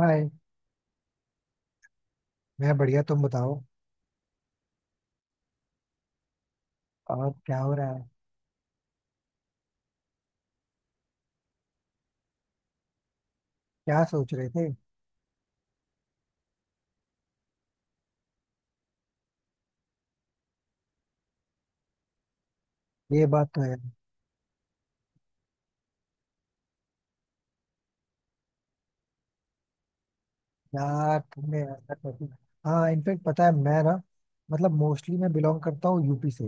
हाय। मैं बढ़िया, तुम बताओ। और क्या हो रहा है? क्या सोच रहे थे? ये बात तो है। यार तुमने ऐसा कर दिया, हाँ इनफेक्ट पता है, मैं ना मतलब मोस्टली मैं बिलोंग करता हूँ यूपी से।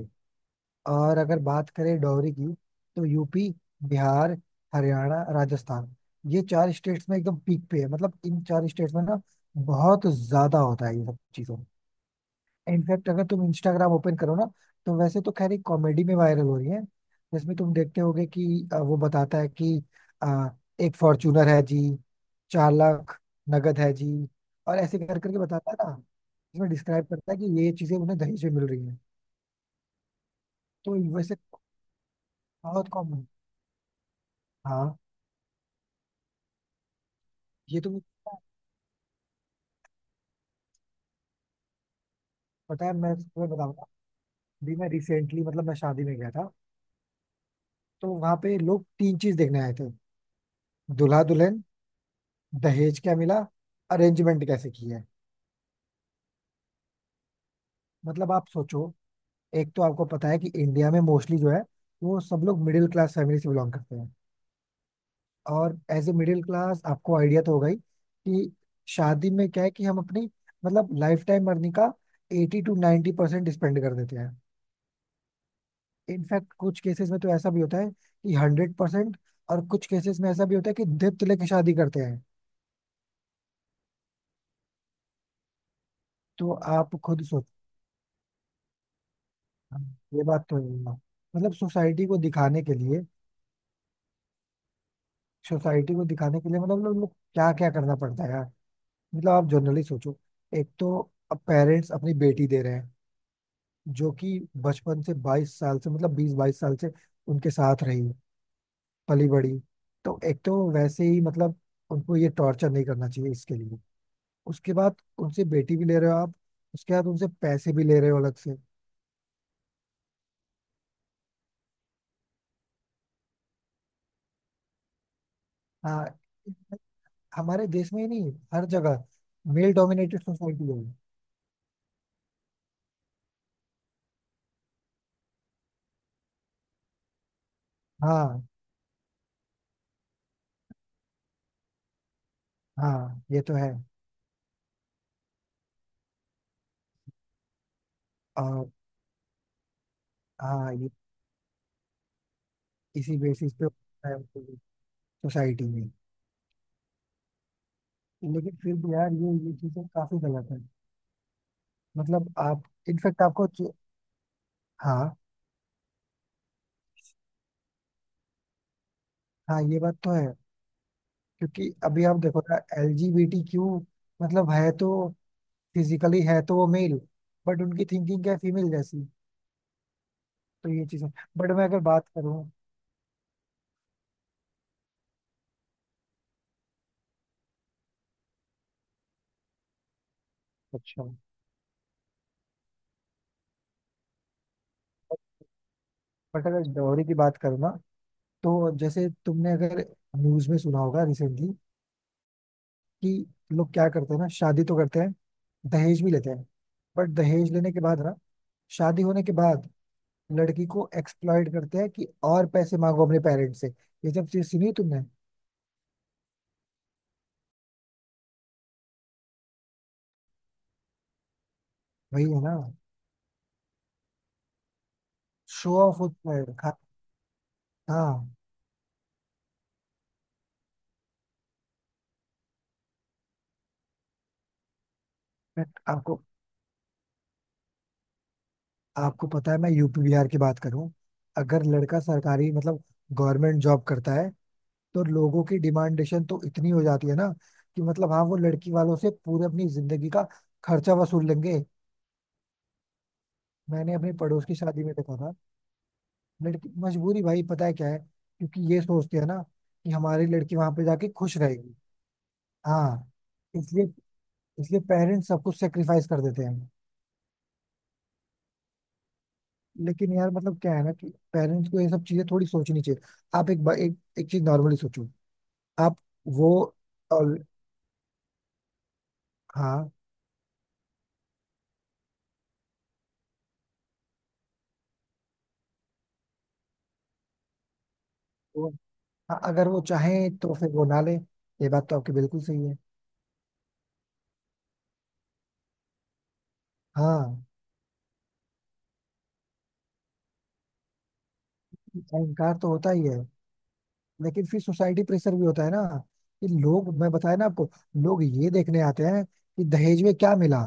और अगर बात करें डॉवरी की, तो यूपी, बिहार, हरियाणा, राजस्थान, ये चार स्टेट्स में एकदम पीक पे है। मतलब इन चार स्टेट्स में ना बहुत ज्यादा होता है ये सब चीजें। इनफैक्ट अगर तुम इंस्टाग्राम ओपन करो ना, तो वैसे तो खैर एक कॉमेडी में वायरल हो रही है, जिसमें तुम देखते होगे कि वो बताता है कि अ, एक फॉर्च्यूनर है जी, चार लाख नगद है जी, और ऐसे कर करके बताता है ना। इसमें डिस्क्राइब करता है कि ये चीजें उन्हें दहेज में मिल रही हैं। तो ये वैसे बहुत कॉमन। हाँ ये तो मुझे पता है। पता है, मैं तुम्हें बताऊंगा भी। मैं रिसेंटली मतलब मैं शादी में गया था, तो वहां पे लोग तीन चीज देखने आए थे। दूल्हा दुल्हन, दहेज क्या मिला, अरेंजमेंट कैसे की है। मतलब आप सोचो, एक तो आपको पता है कि इंडिया में मोस्टली जो है वो सब लोग मिडिल क्लास फैमिली से बिलोंग करते हैं। और एज ए मिडिल क्लास आपको आइडिया तो होगा ही कि शादी में क्या है कि हम अपनी मतलब लाइफ टाइम अर्निंग का एटी टू 90% परसेंट स्पेंड कर देते हैं। इनफैक्ट कुछ केसेस में तो ऐसा भी होता है कि हंड्रेड परसेंट, और कुछ केसेस में ऐसा भी होता है कि दत्त लेके शादी करते हैं। तो आप खुद सोच, ये बात तो है ना। मतलब सोसाइटी को दिखाने के लिए, सोसाइटी को दिखाने के लिए मतलब लोग क्या क्या करना पड़ता है यार। मतलब आप जनरली सोचो, एक तो पेरेंट्स अपनी बेटी दे रहे हैं, जो कि बचपन से बाईस साल से मतलब बीस बाईस साल से उनके साथ रही, पली बड़ी। तो एक तो वैसे ही मतलब उनको ये टॉर्चर नहीं करना चाहिए इसके लिए। उसके बाद उनसे बेटी भी ले रहे हो आप, उसके बाद उनसे पैसे भी ले रहे हो अलग से। हाँ, हमारे देश में ही नहीं, हर जगह मेल डोमिनेटेड सोसाइटी है। हाँ, हाँ ये तो है। और हाँ, ये इसी बेसिस पे सोसाइटी में। लेकिन फिर भी यार ये चीजें काफी गलत है। मतलब आप इनफेक्ट आपको हाँ, हाँ ये बात तो है। क्योंकि अभी आप देखो ना, एलजीबीटीक्यू मतलब है तो, फिजिकली है तो वो मेल, बट उनकी थिंकिंग क्या है फीमेल जैसी। तो ये चीजें बट मैं अगर बात करूँ। अच्छा। बट अगर डॉरी की बात करूँ ना, तो जैसे तुमने अगर न्यूज में सुना होगा रिसेंटली, कि लोग क्या करते हैं ना, शादी तो करते हैं, दहेज भी लेते हैं, बट दहेज लेने के बाद ना, शादी होने के बाद, लड़की को एक्सप्लॉइट करते हैं कि और पैसे मांगो अपने पेरेंट्स से। ये सब चीज सुनी तुमने? वही है ना, शो ऑफ होता है हाँ। मैं आपको, आपको पता है, मैं यूपी बिहार की बात करूं, अगर लड़का सरकारी मतलब गवर्नमेंट जॉब करता है, तो लोगों की डिमांडेशन तो इतनी हो जाती है ना कि मतलब हाँ वो लड़की वालों से पूरे अपनी जिंदगी का खर्चा वसूल लेंगे। मैंने अपने पड़ोस की शादी में देखा था। लड़की मजबूरी भाई, पता है क्या है, क्योंकि ये सोचते हैं ना कि हमारी लड़की वहां पे जाके खुश रहेगी। हाँ, इसलिए, इसलिए पेरेंट्स सब कुछ सेक्रीफाइस कर देते हैं। लेकिन यार मतलब क्या है ना कि पेरेंट्स को ये सब चीजें थोड़ी सोचनी चाहिए। आप एक चीज नॉर्मली सोचो। आप वो और हाँ वो। हाँ, अगर वो चाहे तो फिर वो ना ले। ये बात तो आपकी बिल्कुल सही है। हाँ, अहंकार तो होता ही है, लेकिन फिर सोसाइटी प्रेशर भी होता है ना, कि लोग मैं बताया ना आपको, लोग ये देखने आते हैं कि दहेज में क्या मिला।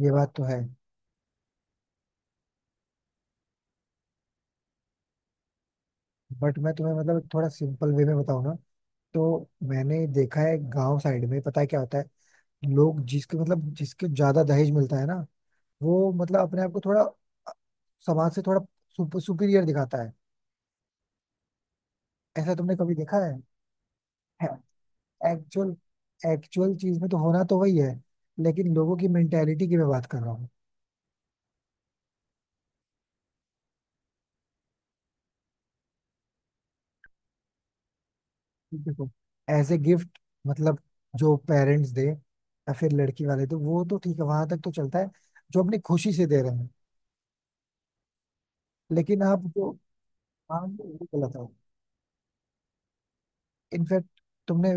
ये बात तो है। बट मैं तुम्हें मतलब थोड़ा सिंपल वे में बताऊँ ना, तो मैंने देखा है गांव साइड में, पता है क्या होता है, लोग जिसके मतलब जिसके ज्यादा दहेज मिलता है ना, वो मतलब अपने आप को थोड़ा समाज से थोड़ा सुपीरियर दिखाता है। ऐसा तुमने कभी देखा है? एक्चुअल, एक्चुअल चीज में तो होना तो वही है, लेकिन लोगों की मेंटेलिटी की मैं बात कर रहा हूँ। देखो, एज ए गिफ्ट मतलब जो पेरेंट्स दे या फिर लड़की वाले, तो वो तो ठीक है, वहां तक तो चलता है, जो अपनी खुशी से दे रहे हैं। लेकिन आप जो, हाँ वो गलत है। इनफैक्ट तुमने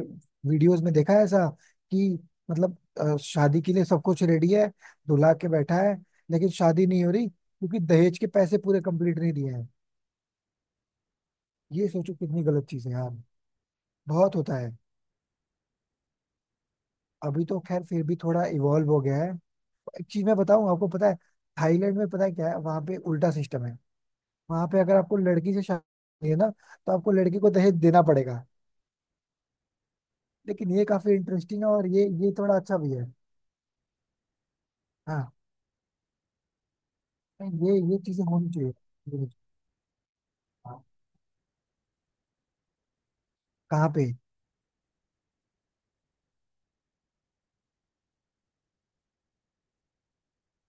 वीडियोस में देखा है ऐसा कि मतलब शादी के लिए सब कुछ रेडी है, दुल्हा के बैठा है, लेकिन शादी नहीं हो रही क्योंकि दहेज के पैसे पूरे कंप्लीट नहीं दिए हैं। ये सोचो कितनी गलत चीज है यार, बहुत होता है। अभी तो खैर फिर भी थोड़ा इवॉल्व हो गया है। एक चीज मैं बताऊं आपको, पता है, थाईलैंड में पता है क्या है, वहां पे उल्टा सिस्टम है। वहां पे अगर आपको लड़की से शादी करनी है ना, तो आपको लड़की को दहेज देना पड़ेगा। लेकिन ये काफी इंटरेस्टिंग है, और ये थोड़ा अच्छा भी है। हाँ ये चीजें होनी चाहिए। हाँ, कहाँ पे?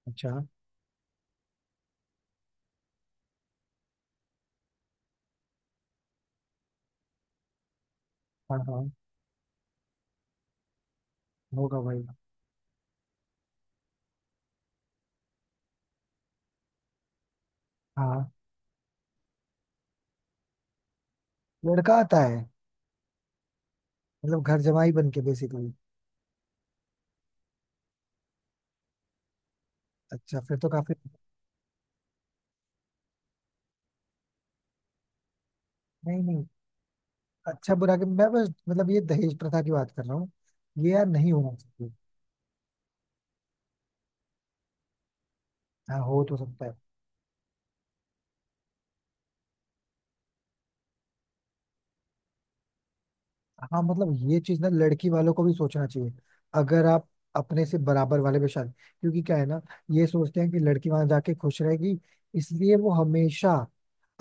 अच्छा। हाँ हाँ, होगा भाई। हाँ, लड़का आता है, मतलब घर जमाई बन के बेसिकली। अच्छा, फिर तो काफी। नहीं नहीं, अच्छा बुरा के मैं बस मतलब ये दहेज प्रथा की बात कर रहा हूँ। ये यार नहीं होना चाहिए। हाँ हो तो सकता है। हाँ मतलब ये चीज ना लड़की वालों को भी सोचना चाहिए। अगर आप अपने से बराबर वाले पे शादी, क्योंकि क्या है ना, ये सोचते हैं कि लड़की वहां जाके खुश रहेगी, इसलिए वो हमेशा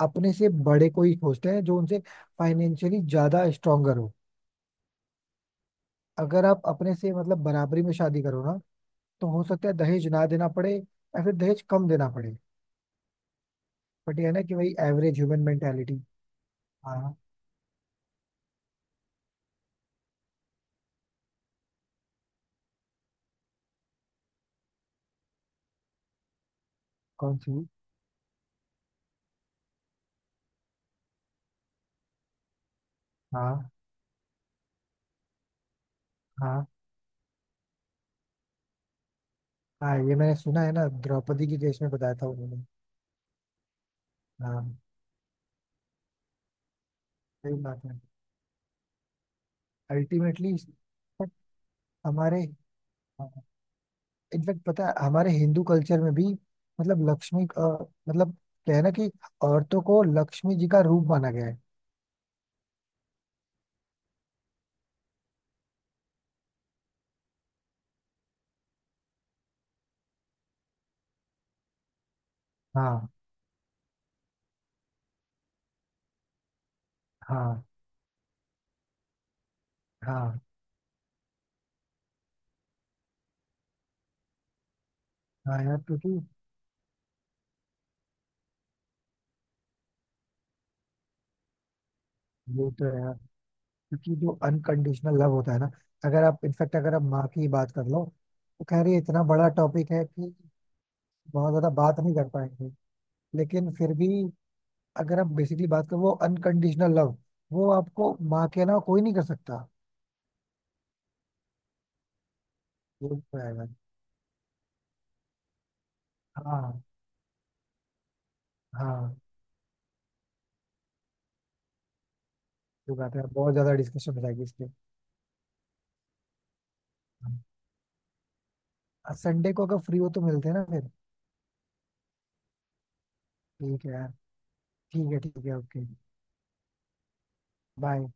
अपने से बड़े को ही खोजते हैं जो उनसे फाइनेंशियली ज्यादा स्ट्रोंगर हो। अगर आप अपने से मतलब बराबरी में शादी करो ना, तो हो सकता है दहेज ना देना पड़े या फिर दहेज कम देना पड़े। बट ये है ना कि वही एवरेज ह्यूमन मेंटेलिटी। हाँ। कौन सी? हाँ, हाँ हाँ ये मैंने सुना है ना, द्रौपदी के केस में बताया था उन्होंने। हाँ, सही बात है। अल्टीमेटली हमारे, इनफैक्ट पता है हमारे हिंदू कल्चर में भी, मतलब लक्ष्मी मतलब क्या है ना कि औरतों को लक्ष्मी जी का रूप माना गया है। हाँ, हाँ, हाँ। हाँ यार क्योंकि ये तो है, क्योंकि जो अनकंडीशनल लव होता है ना, अगर आप इनफैक्ट अगर आप माँ की बात कर लो, तो कह रही है इतना बड़ा टॉपिक है कि बहुत ज्यादा बात नहीं कर पाएंगे। लेकिन फिर भी, अगर आप बेसिकली बात करो, वो अनकंडीशनल लव वो आपको माँ के अलावा कोई नहीं कर सकता। ये तो है भाई। हाँ। हाँ, जो बात है बहुत ज्यादा डिस्कशन हो जाएगी इस पे। हाँ। संडे को अगर फ्री हो तो मिलते हैं ना फिर। ठीक है यार, ठीक है, ठीक है, ओके। बाय।